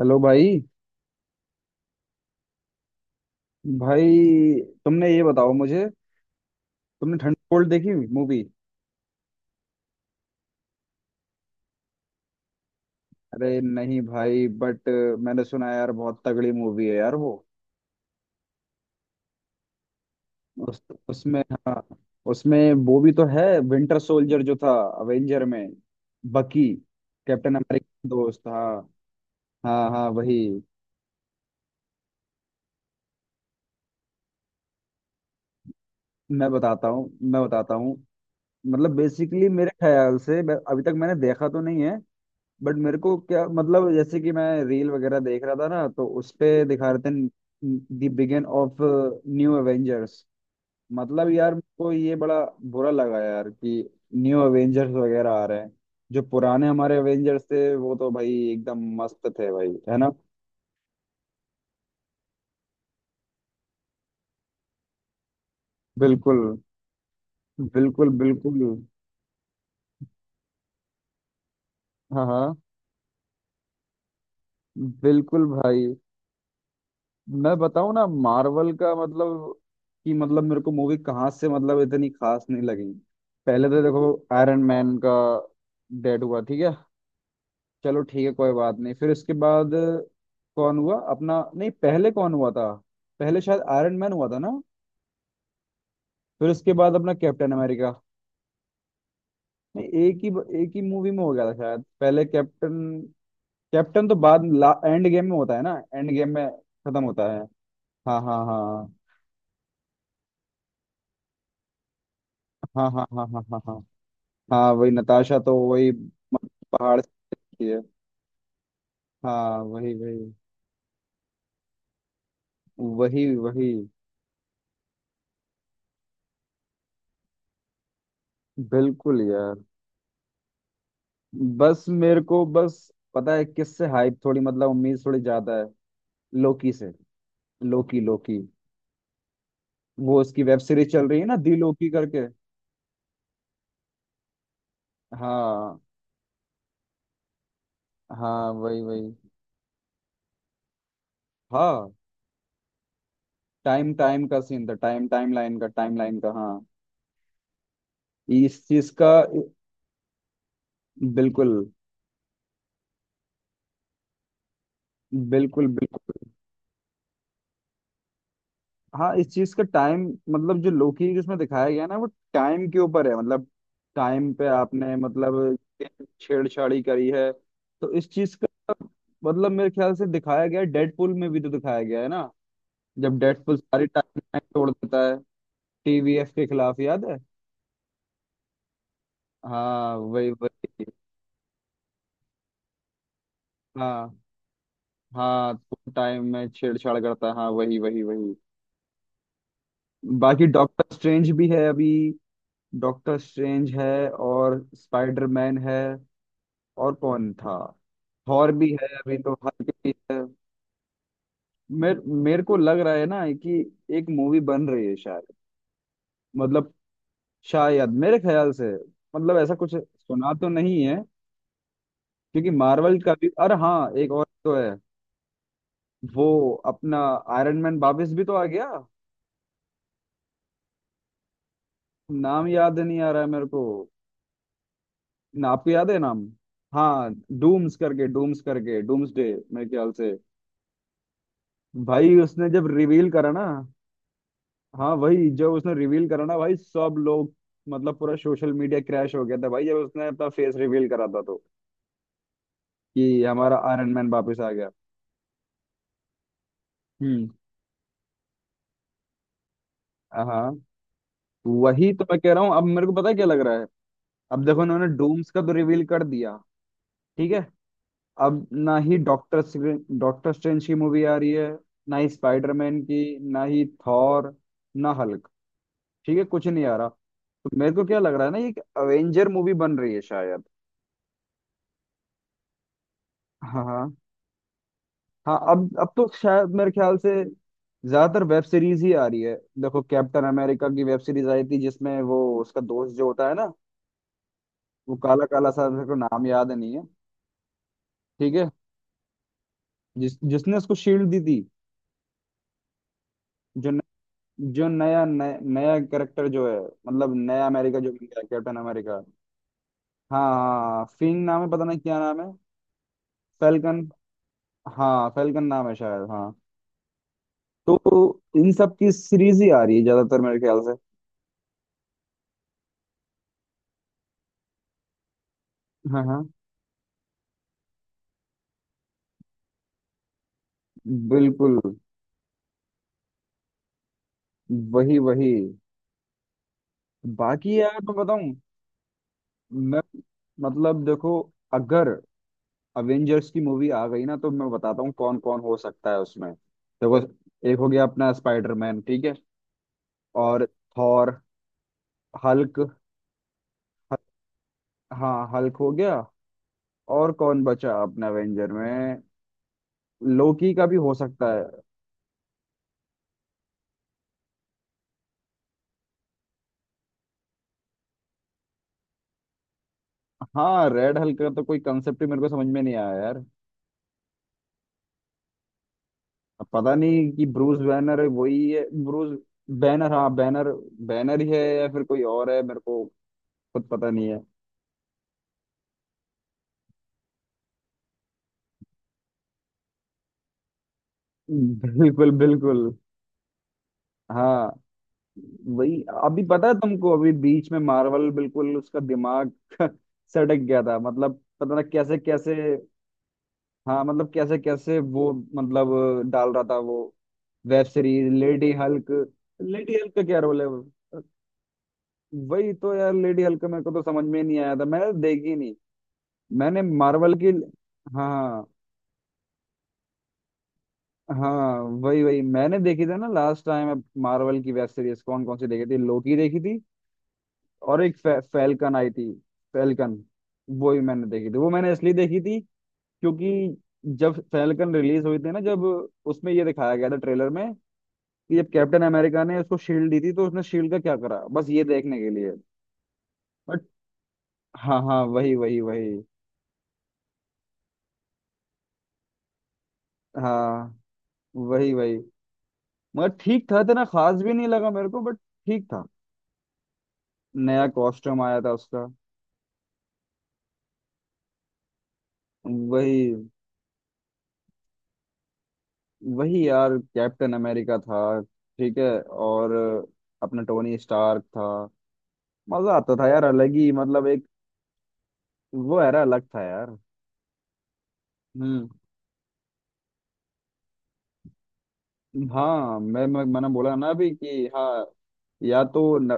Hello भाई। भाई तुमने ये बताओ मुझे, तुमने थंडरबोल्ट देखी मूवी? अरे नहीं भाई बट मैंने सुना है यार बहुत तगड़ी मूवी है यार वो। उस उसमें, हाँ, उसमें वो भी तो है, विंटर सोल्जर जो था अवेंजर में, बकी, कैप्टन अमेरिका दोस्त। हाँ हाँ हाँ वही। मैं बताता हूँ मैं बताता हूँ, मतलब बेसिकली मेरे ख्याल से अभी तक मैंने देखा तो नहीं है बट मेरे को क्या मतलब, जैसे कि मैं रील वगैरह देख रहा था ना तो उस पे दिखा रहे थे, the begin of new Avengers. मतलब यार को ये बड़ा बुरा लगा यार कि न्यू एवेंजर्स वगैरह आ रहे हैं। जो पुराने हमारे एवेंजर्स थे वो तो भाई एकदम मस्त थे भाई, है ना? बिल्कुल बिल्कुल बिल्कुल। हाँ हाँ, बिल्कुल भाई। मैं बताऊं ना मार्वल का मतलब, कि मतलब मेरे को मूवी कहाँ से मतलब इतनी खास नहीं लगी। पहले तो देखो आयरन मैन का डेड हुआ, ठीक है, चलो ठीक है कोई बात नहीं। फिर इसके बाद कौन हुआ अपना, नहीं पहले कौन हुआ था? पहले शायद आयरन मैन हुआ था ना, फिर उसके बाद अपना कैप्टन अमेरिका। नहीं एक ही मूवी में हो गया था शायद, पहले कैप्टन कैप्टन तो बाद, एंड गेम में होता है ना, एंड गेम में खत्म होता है। हाँ हाँ हाँ हाँ हाँ हाँ हाँ हाँ हाँ, हाँ वही नताशा तो वही पहाड़ से आती है। हाँ वही वही वही वही। बिल्कुल यार, बस मेरे को बस पता है किससे हाइप थोड़ी, मतलब उम्मीद थोड़ी ज्यादा है, लोकी से। लोकी लोकी। वो उसकी वेब सीरीज चल रही है ना, दी लोकी करके। हाँ हाँ वही वही। हाँ, टाइम टाइम का सीन था, टाइम टाइम लाइन का, टाइम लाइन का हाँ, इस चीज का। बिल्कुल बिल्कुल। हाँ इस चीज का टाइम, मतलब जो लोकी जिसमें दिखाया गया ना वो टाइम के ऊपर है, मतलब टाइम पे आपने मतलब छेड़छाड़ी करी है। तो इस चीज का मतलब मेरे ख्याल से दिखाया गया है, डेडपुल में भी तो दिखाया गया है ना, जब डेडपुल सारी टाइम तोड़ देता है टीवीएफ के खिलाफ, याद है? हाँ वही वही। हाँ हाँ तो टाइम में छेड़छाड़ करता है, हाँ वही वही वही। बाकी डॉक्टर स्ट्रेंज भी है अभी, डॉक्टर स्ट्रेंज है और स्पाइडरमैन है, और कौन था, थॉर भी है अभी तो, हल्क भी है। मेरे मेरे को लग रहा है ना कि एक मूवी बन रही है शायद, मतलब शायद मेरे ख्याल से, मतलब ऐसा कुछ सुना तो नहीं है, क्योंकि मार्वल का भी, अरे हाँ एक और तो है वो अपना, आयरन मैन वापस भी तो आ गया। नाम याद नहीं आ रहा है मेरे को ना, आपको याद है नाम? हाँ डूम्स करके, डूम्स करके, डूम्स डे मेरे ख्याल से। भाई उसने जब रिवील करा ना, हाँ वही, जब उसने रिवील करा ना भाई सब लोग, मतलब पूरा सोशल मीडिया क्रैश हो गया था भाई, जब उसने अपना फेस रिवील करा था तो, कि हमारा आयरन मैन वापस आ गया। हम्म। हाँ वही तो मैं कह रहा हूँ, अब मेरे को पता है क्या लग रहा है, अब देखो उन्होंने डूम्स का तो रिवील कर दिया, ठीक है। अब ना ही डॉक्टर डॉक्टर स्ट्रेंज की मूवी आ रही है, ना ही स्पाइडरमैन की, ना ही थॉर, ना हल्क, ठीक है कुछ नहीं आ रहा। तो मेरे को क्या लग रहा है ना, ये एक अवेंजर मूवी बन रही है शायद। हाँ हाँ हाँ, अब तो शायद मेरे ख्याल से ज्यादातर वेब सीरीज ही आ रही है। देखो कैप्टन अमेरिका की वेब सीरीज आई थी जिसमें वो उसका दोस्त जो होता है ना, वो काला काला सा, मेरे को नाम याद नहीं है, ठीक है, जिसने उसको शील्ड दी थी, जो न, जो नया नया, नया कैरेक्टर जो है, मतलब नया अमेरिका जो बन गया कैप्टन अमेरिका। हाँ हाँ फिंग नाम है, पता नहीं क्या नाम है। फेल्कन। हाँ फेल्कन नाम है शायद, हाँ। तो इन सब की सीरीज ही आ रही है ज्यादातर मेरे ख्याल से। हाँ हाँ, बिल्कुल वही वही। बाकी यार मैं बताऊं, मैं मतलब देखो, अगर अवेंजर्स की मूवी आ गई ना तो मैं बताता हूँ कौन कौन हो सकता है उसमें, देखो एक हो गया अपना स्पाइडरमैन, ठीक है, और थॉर, हल्क। हाँ हल्क हो गया, और कौन बचा अपना अवेंजर में, लोकी का भी हो सकता है। हाँ रेड हल्क का तो कोई कंसेप्ट ही मेरे को समझ में नहीं आया यार, अब पता नहीं कि ब्रूस बैनर है, वही है ब्रूस बैनर, हाँ बैनर, बैनर ही है या फिर कोई और है, मेरे को खुद पता नहीं है। बिल्कुल बिल्कुल। हाँ वही, अभी पता है तुमको, अभी बीच में मार्वल बिल्कुल उसका दिमाग सटक गया था मतलब, पता ना कैसे कैसे। हाँ मतलब कैसे कैसे वो, मतलब डाल रहा था वो web series, lady Hulk, lady Hulk का क्या रोल है वो? वही तो यार लेडी हल्क मेरे को तो समझ में नहीं आया था, मैंने देखी नहीं। मैंने मार्वल की, हाँ हाँ वही वही, मैंने देखी थी ना लास्ट टाइम मार्वल की वेब सीरीज, कौन कौन सी देखी थी, लोकी देखी थी, और एक फैल्कन आई थी, फैल्कन, वो भी मैंने देखी थी। वो मैंने इसलिए देखी थी क्योंकि जब फैल्कन रिलीज हुई थी ना, जब उसमें ये दिखाया गया था ट्रेलर में कि जब कैप्टन अमेरिका ने उसको शील्ड दी थी, तो उसने शील्ड का क्या करा, बस ये देखने के लिए। बट हाँ हाँ वही वही वही। हाँ वही वही, मगर ठीक था, इतना खास भी नहीं लगा मेरे को बट, ठीक था, नया कॉस्ट्यूम आया था उसका। वही वही यार कैप्टन अमेरिका था, ठीक है, और अपना टोनी स्टार्क था। मजा आता था यार अलग ही, मतलब एक वो era अलग था यार। हम्म, हाँ मैंने बोला ना अभी कि, हाँ, या तो न,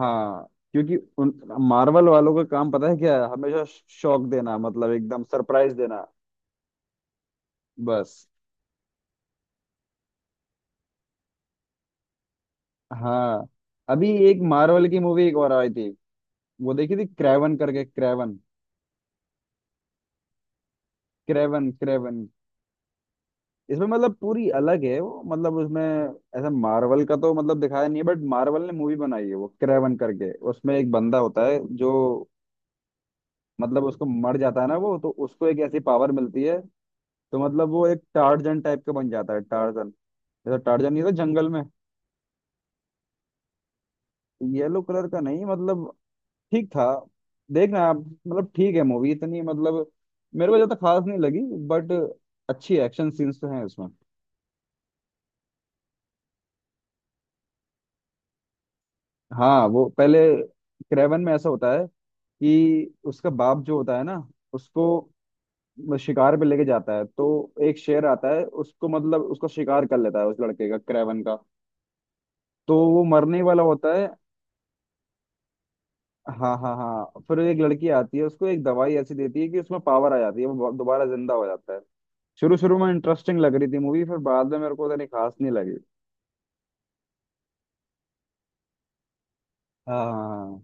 हाँ क्योंकि उन मार्वल वालों का काम पता है क्या है हमेशा, शॉक देना, मतलब एकदम सरप्राइज देना बस। हाँ अभी एक मार्वल की मूवी एक और आई थी, वो देखी थी, क्रेवन करके। क्रेवन। Kraven Kraven. इसमें मतलब पूरी अलग है वो, मतलब उसमें ऐसा मार्वल का तो मतलब दिखाया नहीं है, बट मार्वल ने मूवी बनाई है वो क्रेवन करके, उसमें एक बंदा होता है जो, मतलब उसको मर जाता है ना वो, तो उसको एक ऐसी पावर मिलती है, तो मतलब वो एक टार्जन टाइप का बन जाता है। टार्जन जैसा, टार्जन नहीं था जंगल में, येलो कलर का, नहीं मतलब ठीक था। देखना आप, मतलब ठीक है, मूवी इतनी मतलब मेरे को ज्यादा खास नहीं लगी, बट अच्छी एक्शन सीन्स तो हैं इसमें। हाँ वो पहले क्रेवन में ऐसा होता है कि उसका बाप जो होता है ना, उसको शिकार पे लेके जाता है, तो एक शेर आता है, उसको मतलब उसको शिकार कर लेता है, उस लड़के का, क्रेवन का, तो वो मरने ही वाला होता है। हाँ हाँ हाँ, फिर एक लड़की आती है, उसको एक दवाई ऐसी देती है कि उसमें पावर आ जाती है, वो दोबारा जिंदा हो जाता है। शुरू शुरू में इंटरेस्टिंग लग रही थी मूवी, फिर बाद में मेरे को उतनी खास नहीं लगी। हाँ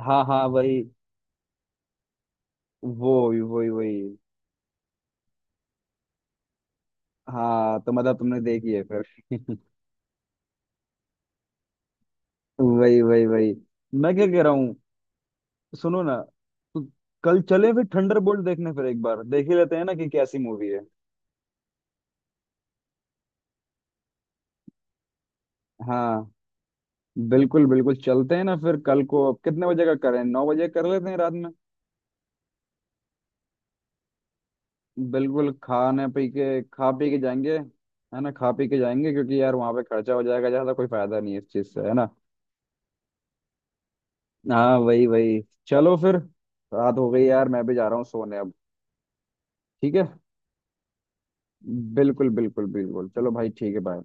हाँ हाँ वही वो वही वही वही। हाँ तो मतलब तुमने देखी है फिर वही वही वही। मैं क्या कह रहा हूँ, सुनो ना, तो कल चले फिर थंडरबोल्ट देखने, फिर एक बार देख ही लेते हैं ना कि कैसी मूवी है। हाँ बिल्कुल बिल्कुल, चलते हैं ना फिर कल को, अब कितने बजे का करें, 9 बजे कर लेते हैं रात में। बिल्कुल, खाने पी के, खा पी के जाएंगे है ना, खा पी के जाएंगे क्योंकि यार वहां पे खर्चा हो जाएगा ज्यादा, कोई फायदा नहीं है इस चीज से, है ना। हाँ वही वही। चलो फिर, रात हो गई यार, मैं भी जा रहा हूँ सोने अब। ठीक है, बिल्कुल बिल्कुल बिल्कुल, चलो भाई ठीक है, बाय।